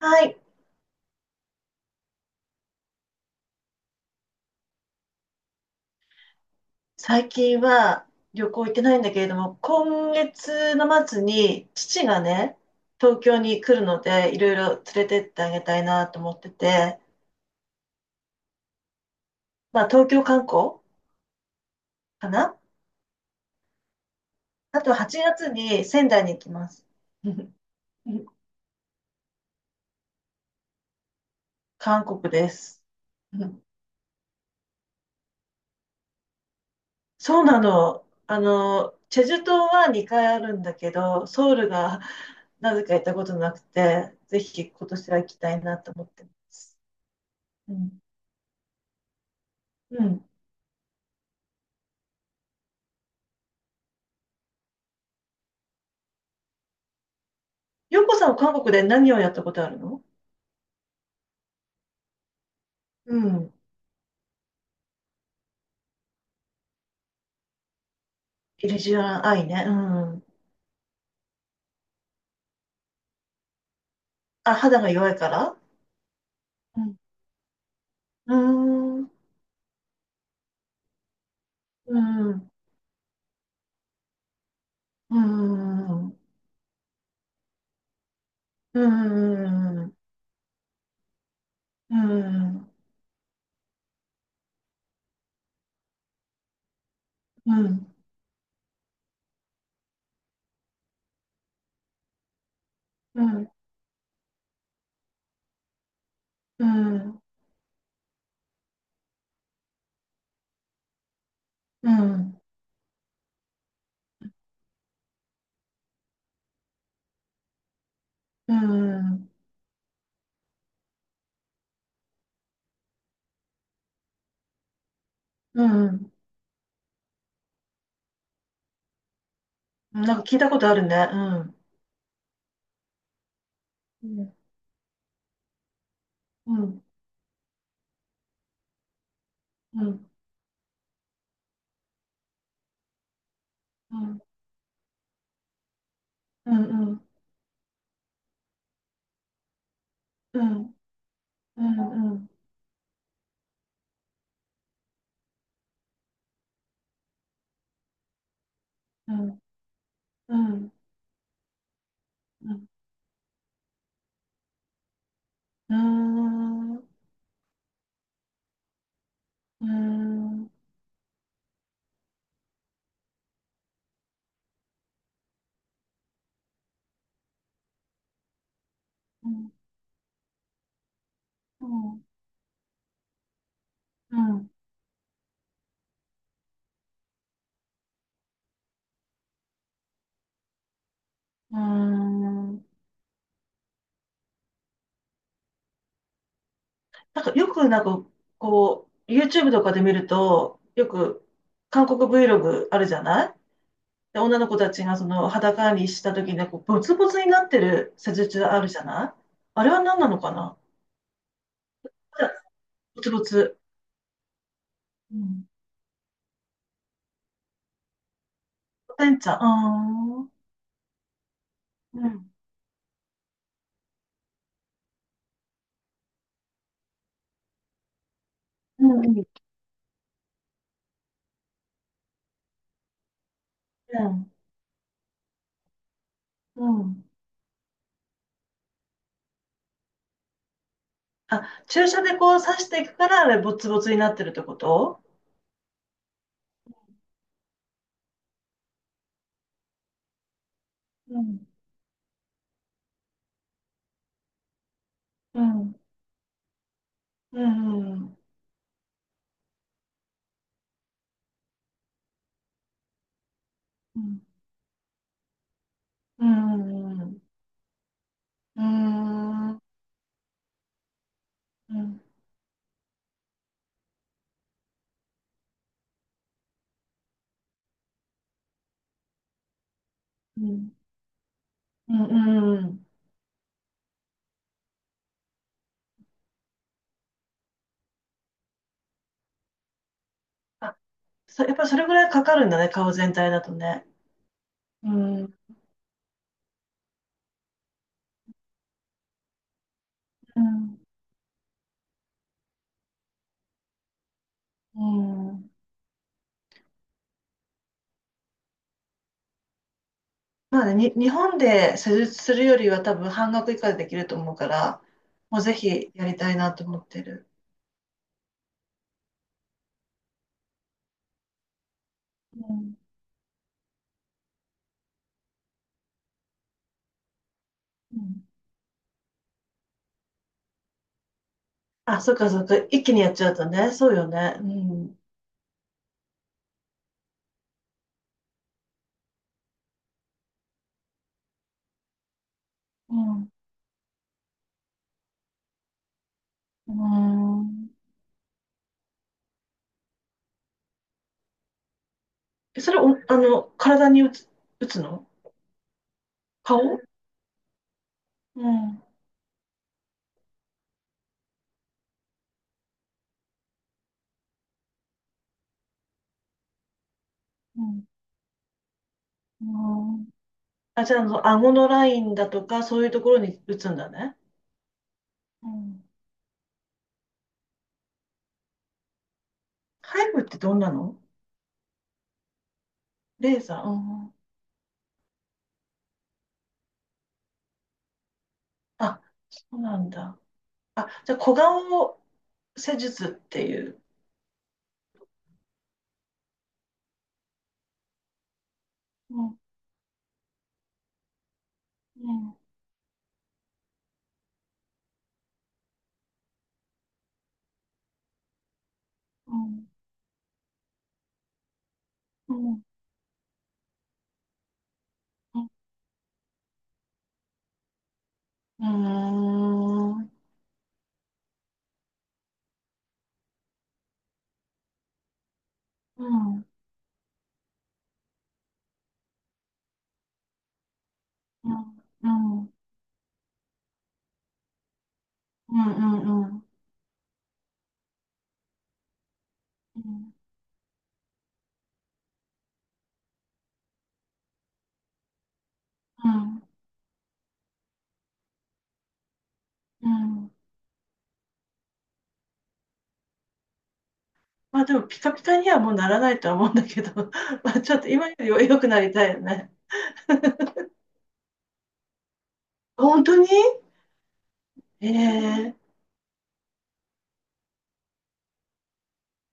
はい。最近は旅行行ってないんだけれども、今月の末に父がね、東京に来るので、いろいろ連れてってあげたいなと思ってて、まあ東京観光かな。あと8月に仙台に行きます。韓国です。うん、そうなの。あの、チェジュ島は2回あるんだけど、ソウルがなぜか行ったことなくて、ぜひ今年は行きたいなと思ってます。うん。うん、ヨコさんは韓国で何をやったことあるの？うん。イリジュアンアイね。うん。あ、肌が弱いから。うん。うーん。うーん。うーん。うーん。うーん。うん。うん。うん。うん。うん。うん。なんか聞いたことあるね。うん。うん。うん。うん。うん。うん。うん。うん。うん。うん。うん。うん。うん。うーん。うん。うん。うん。うーん。なんかよくなんかこう、YouTube とかで見ると、よく韓国 Vlog あるじゃない。で、女の子たちがその裸にした時にこうボツボツになってる施術あるじゃない、あれは何なのかな？ボツボツ。うん。てんちゃん。あー、うん。うん、うん、うん。うん。あ、注射でこう刺していくからあれボツボツになってるってこと？うん。うん。うん。うん。うん。うん。うん。うん。うん、うん、うん、うん、うん。あ、やっぱりそれぐらいかかるんだね、顔全体だとね。うん、うん、うん。まあね、日本で施術するよりは多分半額以下でできると思うから、もうぜひやりたいなと思ってる。うん、うん。あ、そっかそっか、一気にやっちゃうとね、そうよね。うん、うん、うん。えそれお、あの、体に打つ、打つの？顔？うん、うん、うん。あ、じゃあ、あの、顎のラインだとか、そういうところに打つんだね。うん。ハイブってどんなの？レーザー。うん。あ、そうなんだ。あ、じゃあ、小顔施術っていう。うん、うん、うん、うん、うん、うん、うん、うん、うん、うん、うん、うん、うん、うん。まあ、でも、ピカピカにはもうならないとは思うんだけど、まあ、ちょっと今よりは良くなりたいよね。本当に？ええ。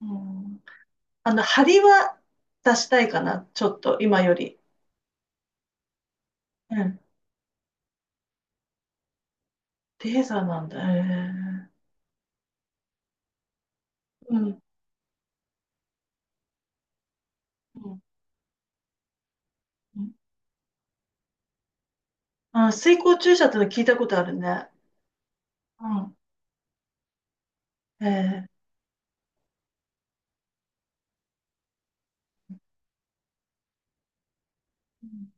うん。あの、張りは出したいかな、ちょっと、今より。うん。レーザーなんだ。へえ。うん。うん。うん。あ、水光注射っての聞いたことあるね。うん。へえ。うん。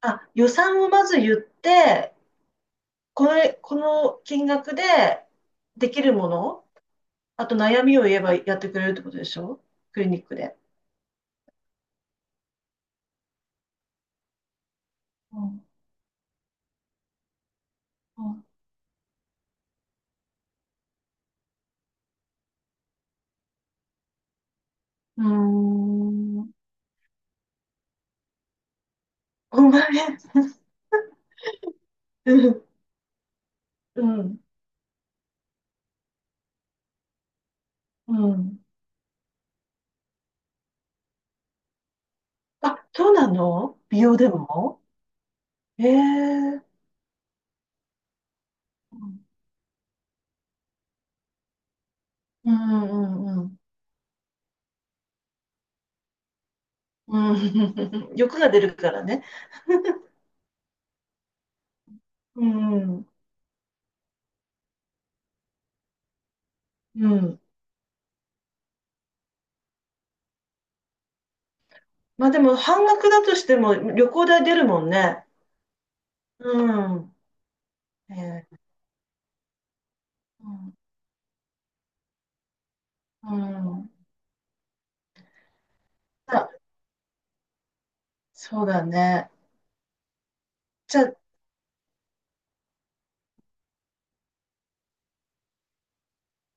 あ、予算をまず言って、これ、この金額でできるもの、あと悩みを言えばやってくれるってことでしょ？クリニックで。うん。うん。うーん。5万円。うん。うん。うん。あ、そうなの？美容でも？ええ。うん、うん、うん、うん。うん。 欲が出るからね。うん。うん。まあでも半額だとしても旅行代出るもんね。うん。ええ。うん。うん。あ、そうだね。じゃあ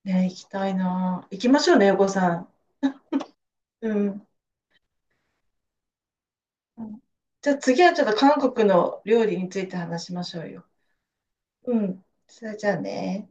ね、行きたいな。行きましょうね、横さん。うん。うん、じゃあ次はちょっと韓国の料理について話しましょうよ。うん。それじゃあね。